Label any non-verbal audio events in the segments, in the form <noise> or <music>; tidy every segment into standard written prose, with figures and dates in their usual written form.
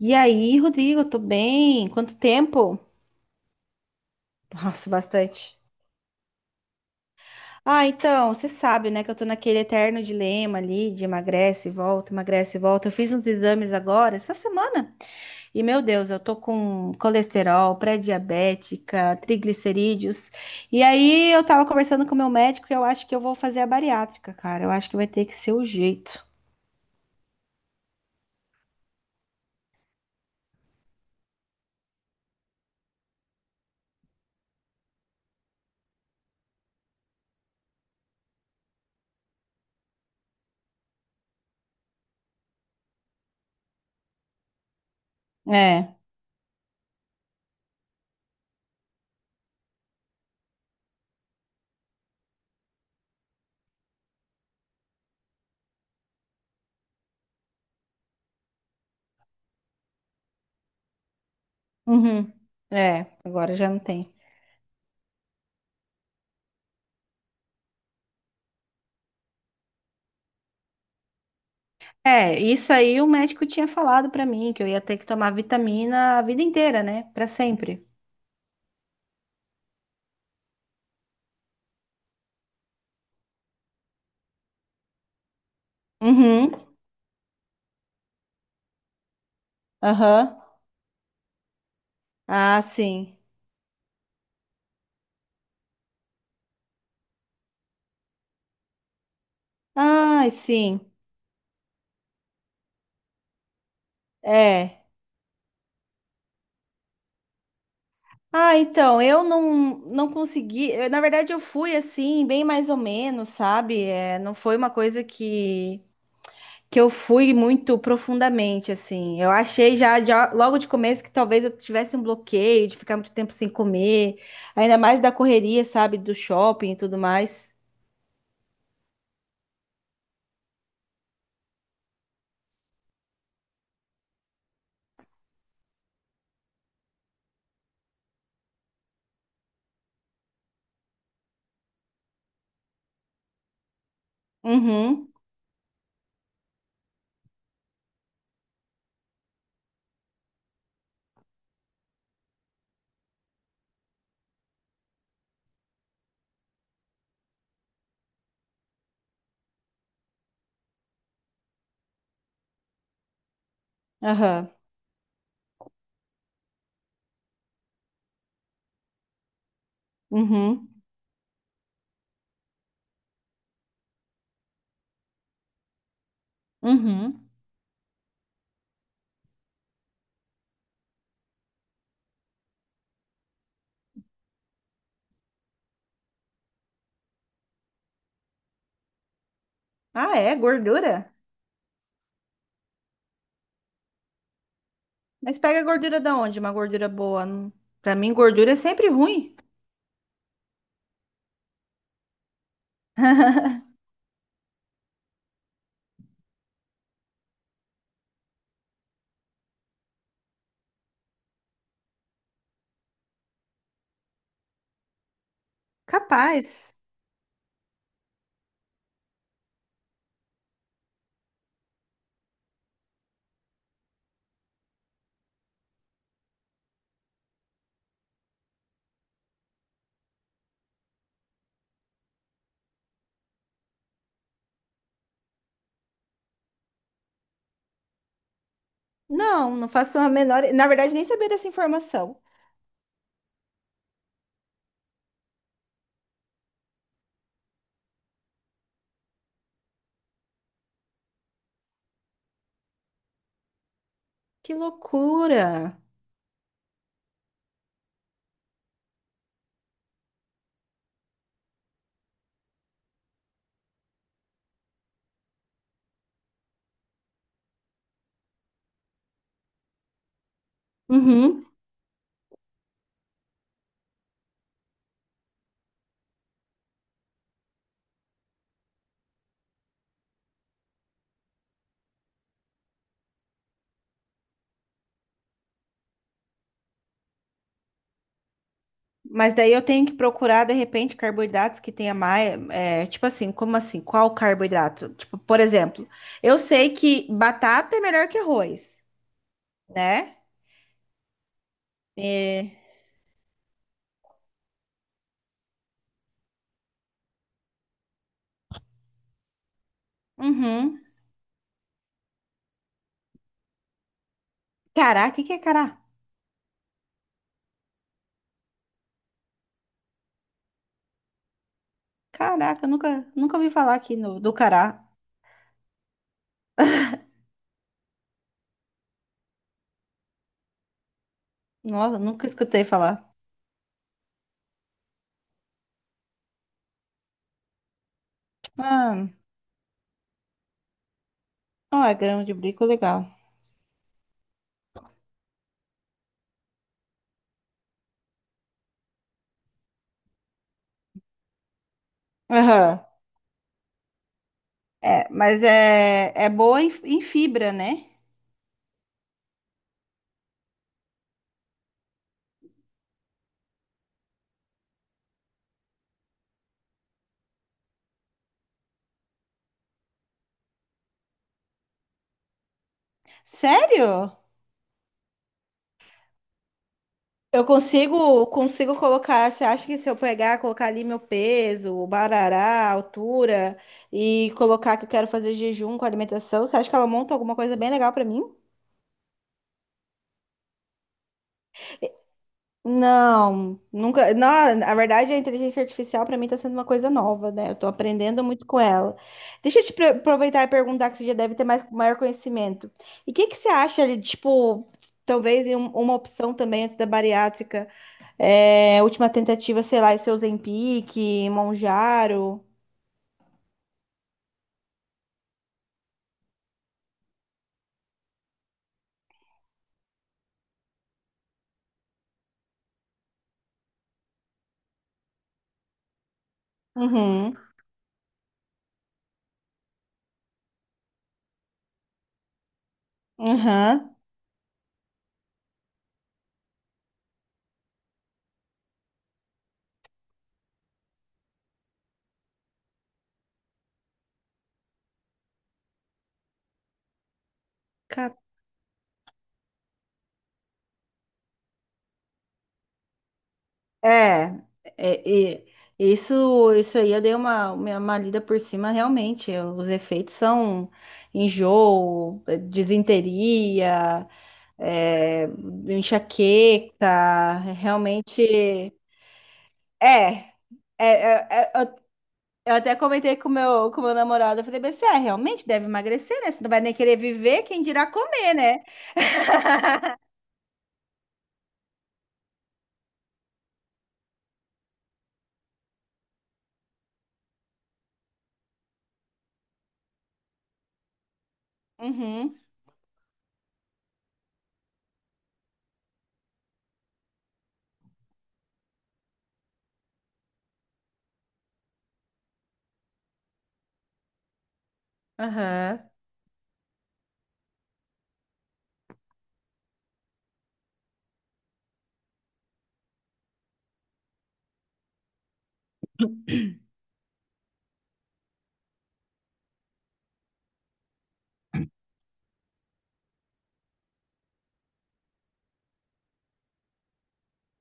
E aí, Rodrigo, tô bem? Quanto tempo? Nossa, bastante. Ah, então, você sabe, né, que eu tô naquele eterno dilema ali de emagrece e volta, emagrece e volta. Eu fiz uns exames agora, essa semana, e meu Deus, eu tô com colesterol, pré-diabética, triglicerídeos. E aí, eu tava conversando com o meu médico e eu acho que eu vou fazer a bariátrica, cara. Eu acho que vai ter que ser o jeito. É, uhum. É, agora já não tem. É, isso aí o médico tinha falado pra mim, que eu ia ter que tomar vitamina a vida inteira, né? Pra sempre. Uhum, aham. Ah, sim. Ai, sim. É. Ah, então, eu não consegui. Na verdade, eu fui assim, bem mais ou menos, sabe? É, não foi uma coisa que eu fui muito profundamente, assim. Eu achei já logo de começo que talvez eu tivesse um bloqueio de ficar muito tempo sem comer, ainda mais da correria, sabe? Do shopping e tudo mais. Uhum. Aham. Uhum. Uhum. Ah, é? Gordura? Mas pega gordura da onde? Uma gordura boa? Pra mim, gordura é sempre ruim. Capaz. Não, não faço a menor. Na verdade, nem sabia dessa informação. Que loucura. Uhum. Mas daí eu tenho que procurar, de repente, carboidratos que tenha mais. É, tipo assim, como assim? Qual carboidrato? Tipo, por exemplo, eu sei que batata é melhor que arroz, né? É... Uhum. Cará, o que que é cará? Caraca, nunca ouvi falar aqui do cará. Nossa, nunca escutei falar. Ah, ó, é grama de bico, legal. Aham. É, mas é boa em, em fibra, né? Sério? Eu consigo, consigo colocar. Você acha que se eu pegar, colocar ali meu peso, o barará, a altura e colocar que eu quero fazer jejum com alimentação, você acha que ela monta alguma coisa bem legal pra mim? Não, nunca. Não, na verdade, a inteligência artificial para mim está sendo uma coisa nova, né? Eu estou aprendendo muito com ela. Deixa eu aproveitar e perguntar que você já deve ter mais maior conhecimento. E o que que você acha ali, tipo, talvez em uma opção também antes da bariátrica, é, última tentativa, sei lá, esse Ozempic, Monjaro. Uhum. Uhum. É, é, é, isso, isso aí eu dei uma lida por cima, realmente. Os efeitos são enjoo, disenteria, é, enxaqueca, realmente. É, é, é, eu até comentei com com meu namorado, eu falei, mas você é, realmente deve emagrecer, né? Você não vai nem querer viver, quem dirá comer, né? <laughs> Uhum, aham,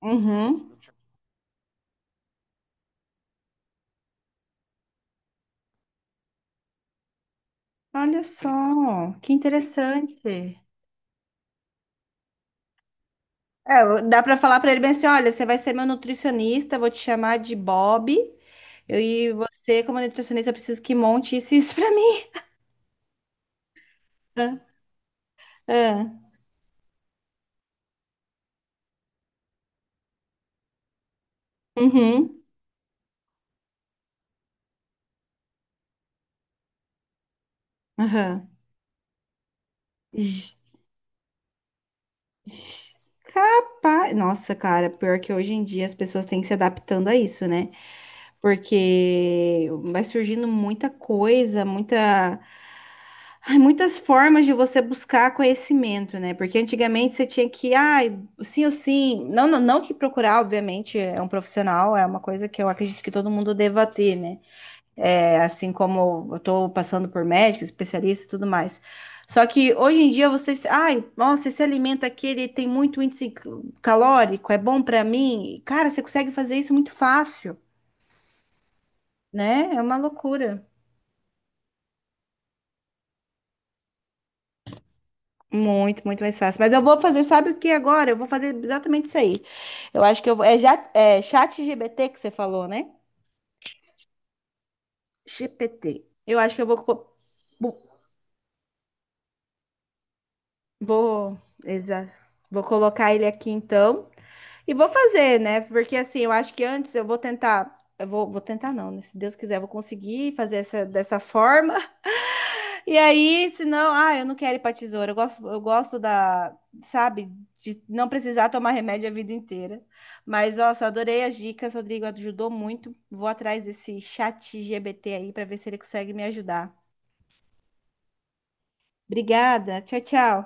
uhum. Olha só, que interessante. É, dá para falar para ele bem assim, olha, você vai ser meu nutricionista, vou te chamar de Bob. Eu, e você, como nutricionista, eu preciso que monte isso e isso para mim. <laughs> Ah, ah, uhum, aham. J- j- Capaz. Nossa, cara, pior que hoje em dia as pessoas têm que se adaptando a isso, né? Porque vai surgindo muita coisa, muita. Ai, muitas formas de você buscar conhecimento, né? Porque antigamente você tinha que, ai, sim ou sim. Não que procurar, obviamente, é um profissional, é uma coisa que eu acredito que todo mundo deva ter, né? É, assim como eu tô passando por médico, especialista e tudo mais. Só que hoje em dia você, ai, nossa, esse alimento aqui ele tem muito índice calórico, é bom para mim. Cara, você consegue fazer isso muito fácil, né? É uma loucura. Muito, muito mais fácil. Mas eu vou fazer, sabe o que agora? Eu vou fazer exatamente isso aí. Eu acho que eu vou. É, já, é chat GPT que você falou, né? GPT. Eu acho que eu vou. Bu- Vou. Exa, vou colocar ele aqui então. E vou fazer, né? Porque assim, eu acho que antes eu vou tentar. Vou tentar, não, né? Se Deus quiser, eu vou conseguir fazer essa, dessa forma. E aí, senão, ah, eu não quero ir pra tesoura. Eu gosto da, sabe, de não precisar tomar remédio a vida inteira. Mas, nossa, adorei as dicas, Rodrigo, ajudou muito. Vou atrás desse chat GBT aí para ver se ele consegue me ajudar. Obrigada, tchau, tchau.